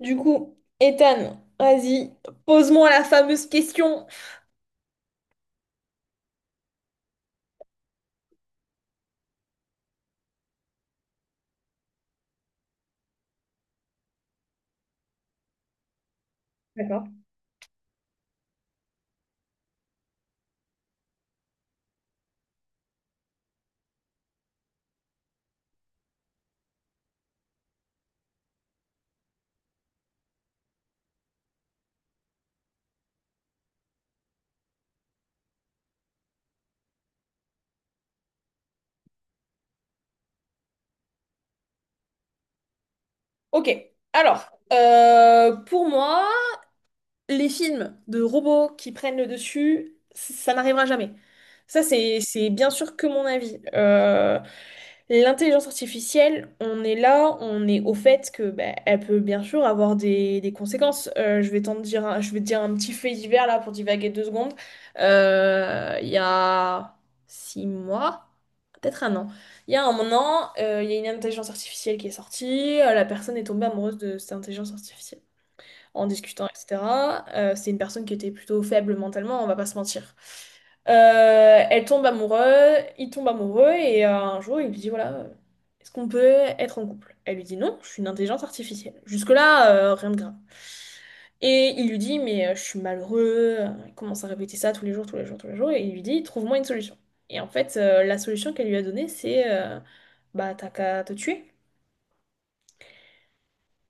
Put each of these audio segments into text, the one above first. Du coup, Ethan, vas-y, pose-moi la fameuse question. D'accord. Ok, alors, pour moi, les films de robots qui prennent le dessus, ça n'arrivera jamais. Ça, c'est bien sûr que mon avis. L'intelligence artificielle, on est là, on est au fait que bah, elle peut bien sûr avoir des conséquences. Je vais je vais te dire un petit fait divers là pour divaguer deux secondes. Il y a six mois, peut-être un an. Il y a un an, il y a une intelligence artificielle qui est sortie. La personne est tombée amoureuse de cette intelligence artificielle en discutant, etc. C'est une personne qui était plutôt faible mentalement, on va pas se mentir. Elle tombe amoureuse, il tombe amoureux et un jour il lui dit voilà, est-ce qu'on peut être en couple? Elle lui dit non, je suis une intelligence artificielle. Jusque-là, rien de grave. Et il lui dit mais je suis malheureux, il commence à répéter ça tous les jours, tous les jours, tous les jours et il lui dit trouve-moi une solution. Et en fait, la solution qu'elle lui a donnée c'est bah t'as qu'à te tuer.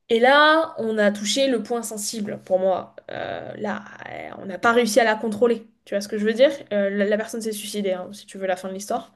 Et là, on a touché le point sensible pour moi. Là, on n'a pas réussi à la contrôler. Tu vois ce que je veux dire? La personne s'est suicidée, hein, si tu veux la fin de l'histoire.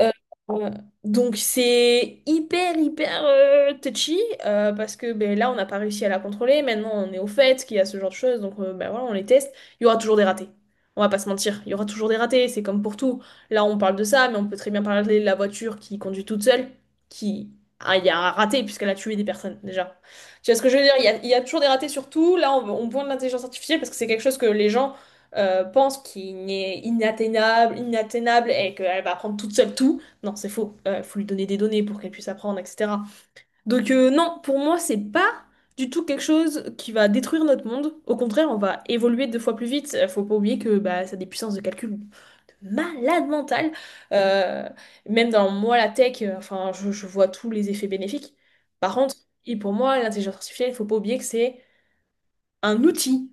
Euh, euh, donc c'est hyper hyper touchy parce que ben, là on n'a pas réussi à la contrôler. Maintenant on est au fait qu'il y a ce genre de choses, donc ben, voilà on les teste. Il y aura toujours des ratés. On va pas se mentir, il y aura toujours des ratés. C'est comme pour tout. Là on parle de ça, mais on peut très bien parler de la voiture qui conduit toute seule, qui ah, il y a un raté puisqu'elle a tué des personnes déjà. Tu vois ce que je veux dire? Il y a toujours des ratés sur tout. On pointe l'intelligence artificielle parce que c'est quelque chose que les gens pense qu'il est inatteignable, inatteignable et qu'elle va apprendre toute seule tout. Non, c'est faux. Il faut lui donner des données pour qu'elle puisse apprendre, etc. Donc non, pour moi, c'est pas du tout quelque chose qui va détruire notre monde. Au contraire, on va évoluer deux fois plus vite. Faut pas oublier que bah, ça a des puissances de calcul de malade mentale. Euh, Même dans moi, la tech, enfin, je vois tous les effets bénéfiques. Par contre, et pour moi, l'intelligence artificielle, il faut pas oublier que c'est un outil.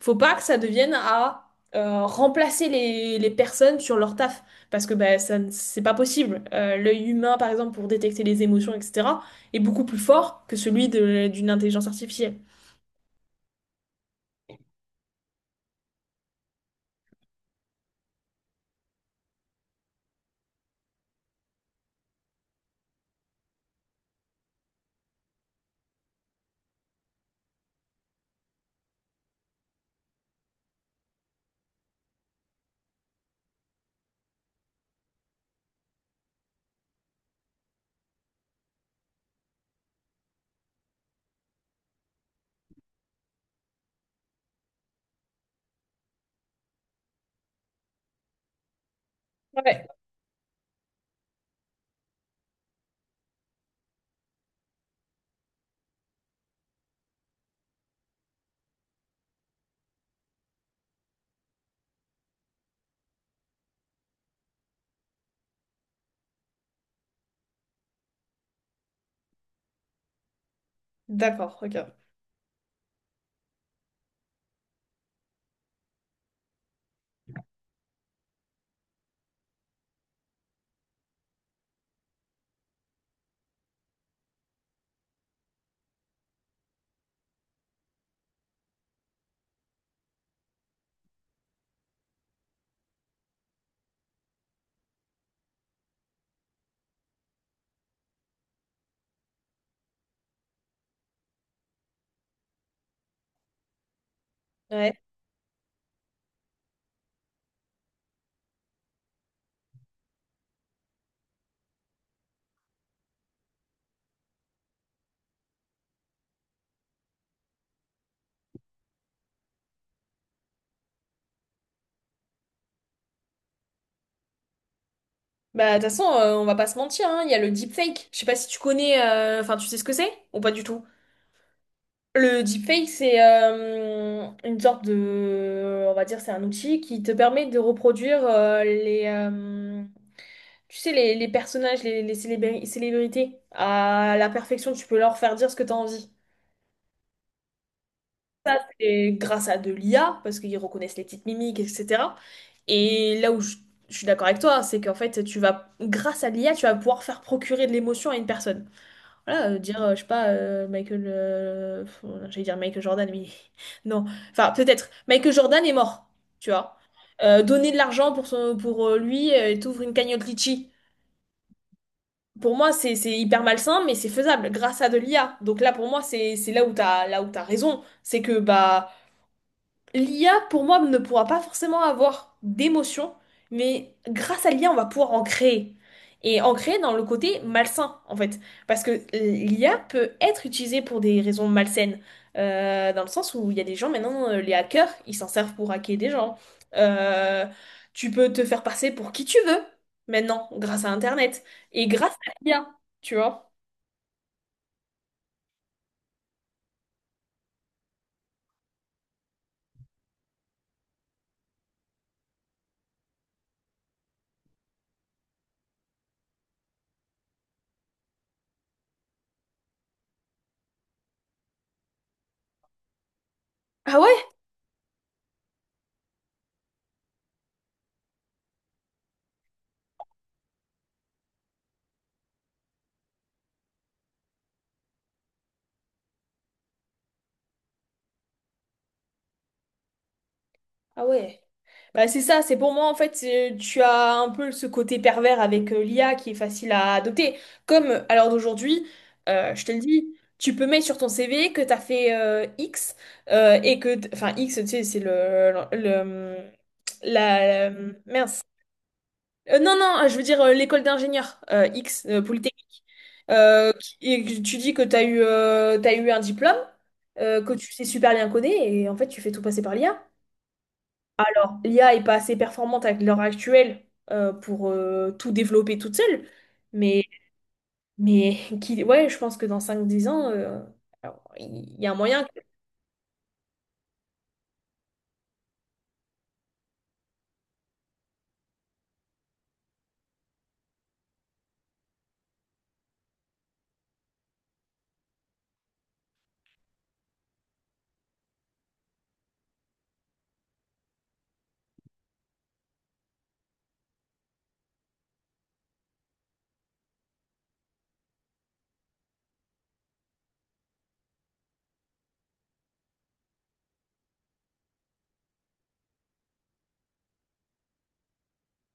Faut pas que ça devienne à remplacer les personnes sur leur taf, parce que bah, ça, ne- c'est pas possible. L'œil humain, par exemple, pour détecter les émotions, etc., est beaucoup plus fort que celui d'une intelligence artificielle. Ouais, d'accord, ok. Ouais. Bah, de toute façon, on va pas se mentir, hein, il y a le deepfake. Je sais pas si tu connais, enfin, tu sais ce que c'est ou pas du tout? Le deepfake, c'est une sorte de, on va dire, c'est un outil qui te permet de reproduire tu sais, les personnages, célébrités à la perfection. Tu peux leur faire dire ce que tu as envie. Ça, c'est grâce à de l'IA, parce qu'ils reconnaissent les petites mimiques, etc. Et là où je suis d'accord avec toi, c'est qu'en fait, tu vas, grâce à l'IA, tu vas pouvoir faire procurer de l'émotion à une personne. Voilà, dire, je sais pas, Michael. J'allais dire Michael Jordan, mais non. Enfin, peut-être. Michael Jordan est mort, tu vois. Donner de l'argent pour, son, pour lui et t'ouvres une cagnotte Litchi. Pour moi, c'est hyper malsain, mais c'est faisable grâce à de l'IA. Donc là, pour moi, c'est là où t'as raison. C'est que bah l'IA, pour moi, ne pourra pas forcément avoir d'émotion, mais grâce à l'IA, on va pouvoir en créer. Et en créer dans le côté malsain, en fait. Parce que l'IA peut être utilisée pour des raisons malsaines. Dans le sens où il y a des gens, maintenant, les hackers, ils s'en servent pour hacker des gens. Euh, Tu peux te faire passer pour qui tu veux, maintenant, grâce à Internet. Et grâce à l'IA, tu vois. Ah ouais, ah ouais. Bah, c'est ça, c'est pour moi en fait, tu as un peu ce côté pervers avec l'IA qui est facile à adopter. Comme à l'heure d'aujourd'hui, je te le dis, tu peux mettre sur ton CV que tu as fait X et que, enfin X, tu sais, c'est la, mince. Non, je veux dire l'école d'ingénieur X, Polytechnique. Et que tu dis que tu as eu, t'as eu un diplôme, que tu sais super bien coder et en fait tu fais tout passer par l'IA. L'IA est pas assez performante avec l'heure actuelle pour tout développer toute seule. Mais, mais qui, ouais, je pense que dans cinq dix ans, alors, a un moyen que...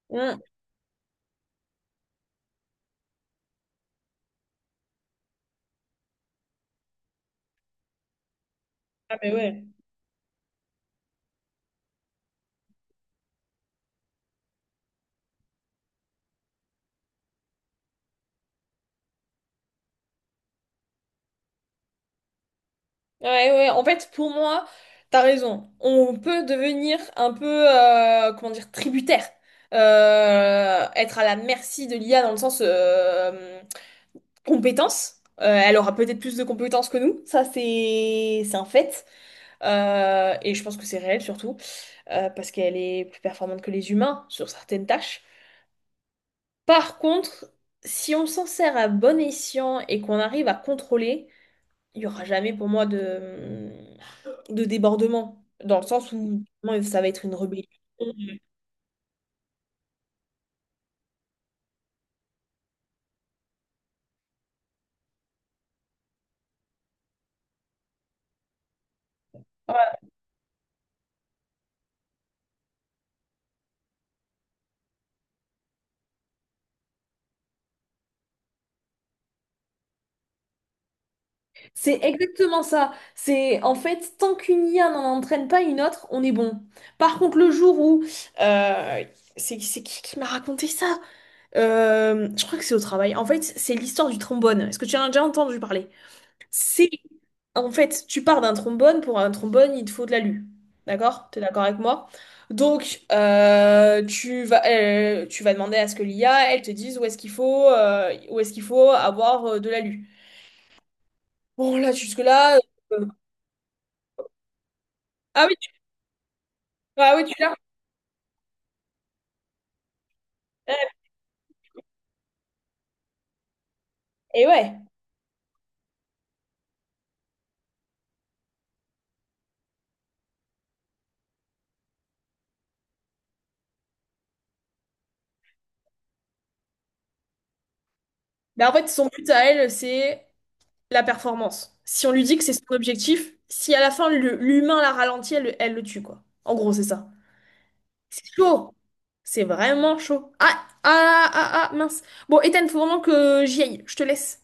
Hmm. Ah, mais ouais. Ouais, ouais, ouais. En fait, pour moi, t'as raison. On peut devenir un peu, comment dire, tributaire. Être à la merci de l'IA dans le sens compétence. Elle aura peut-être plus de compétences que nous. Ça, c'est un fait. Et je pense que c'est réel surtout. Parce qu'elle est plus performante que les humains sur certaines tâches. Par contre, si on s'en sert à bon escient et qu'on arrive à contrôler, il y aura jamais pour moi de débordement, dans le sens où vraiment, ça va être une rébellion. Voilà. C'est exactement ça. C'est en fait, tant qu'une IA n'en entraîne pas une autre, on est bon. Par contre, le jour où euh, c'est qui m'a raconté ça? Je crois que c'est au travail. En fait, c'est l'histoire du trombone. Est-ce que tu en as déjà entendu parler? C'est en fait, tu pars d'un trombone. Pour un trombone, il te faut de l'alu. D'accord? T'es d'accord avec moi? Donc, tu vas demander à ce que l'IA, elle te dise où est-ce qu'il faut, où est-ce qu'il faut avoir de l'alu. Bon, là, jusque-là. euh, Ah oui, ah oui, tu l'as. Et ouais. Mais en fait, son but à elle, c'est la performance. Si on lui dit que c'est son objectif, si à la fin, l'humain la ralentit, elle, elle le tue, quoi. En gros, c'est ça. C'est chaud. C'est vraiment chaud. Ah, ah, ah, ah, ah, mince. Bon, Ethan, faut vraiment que j'y aille. Je te laisse.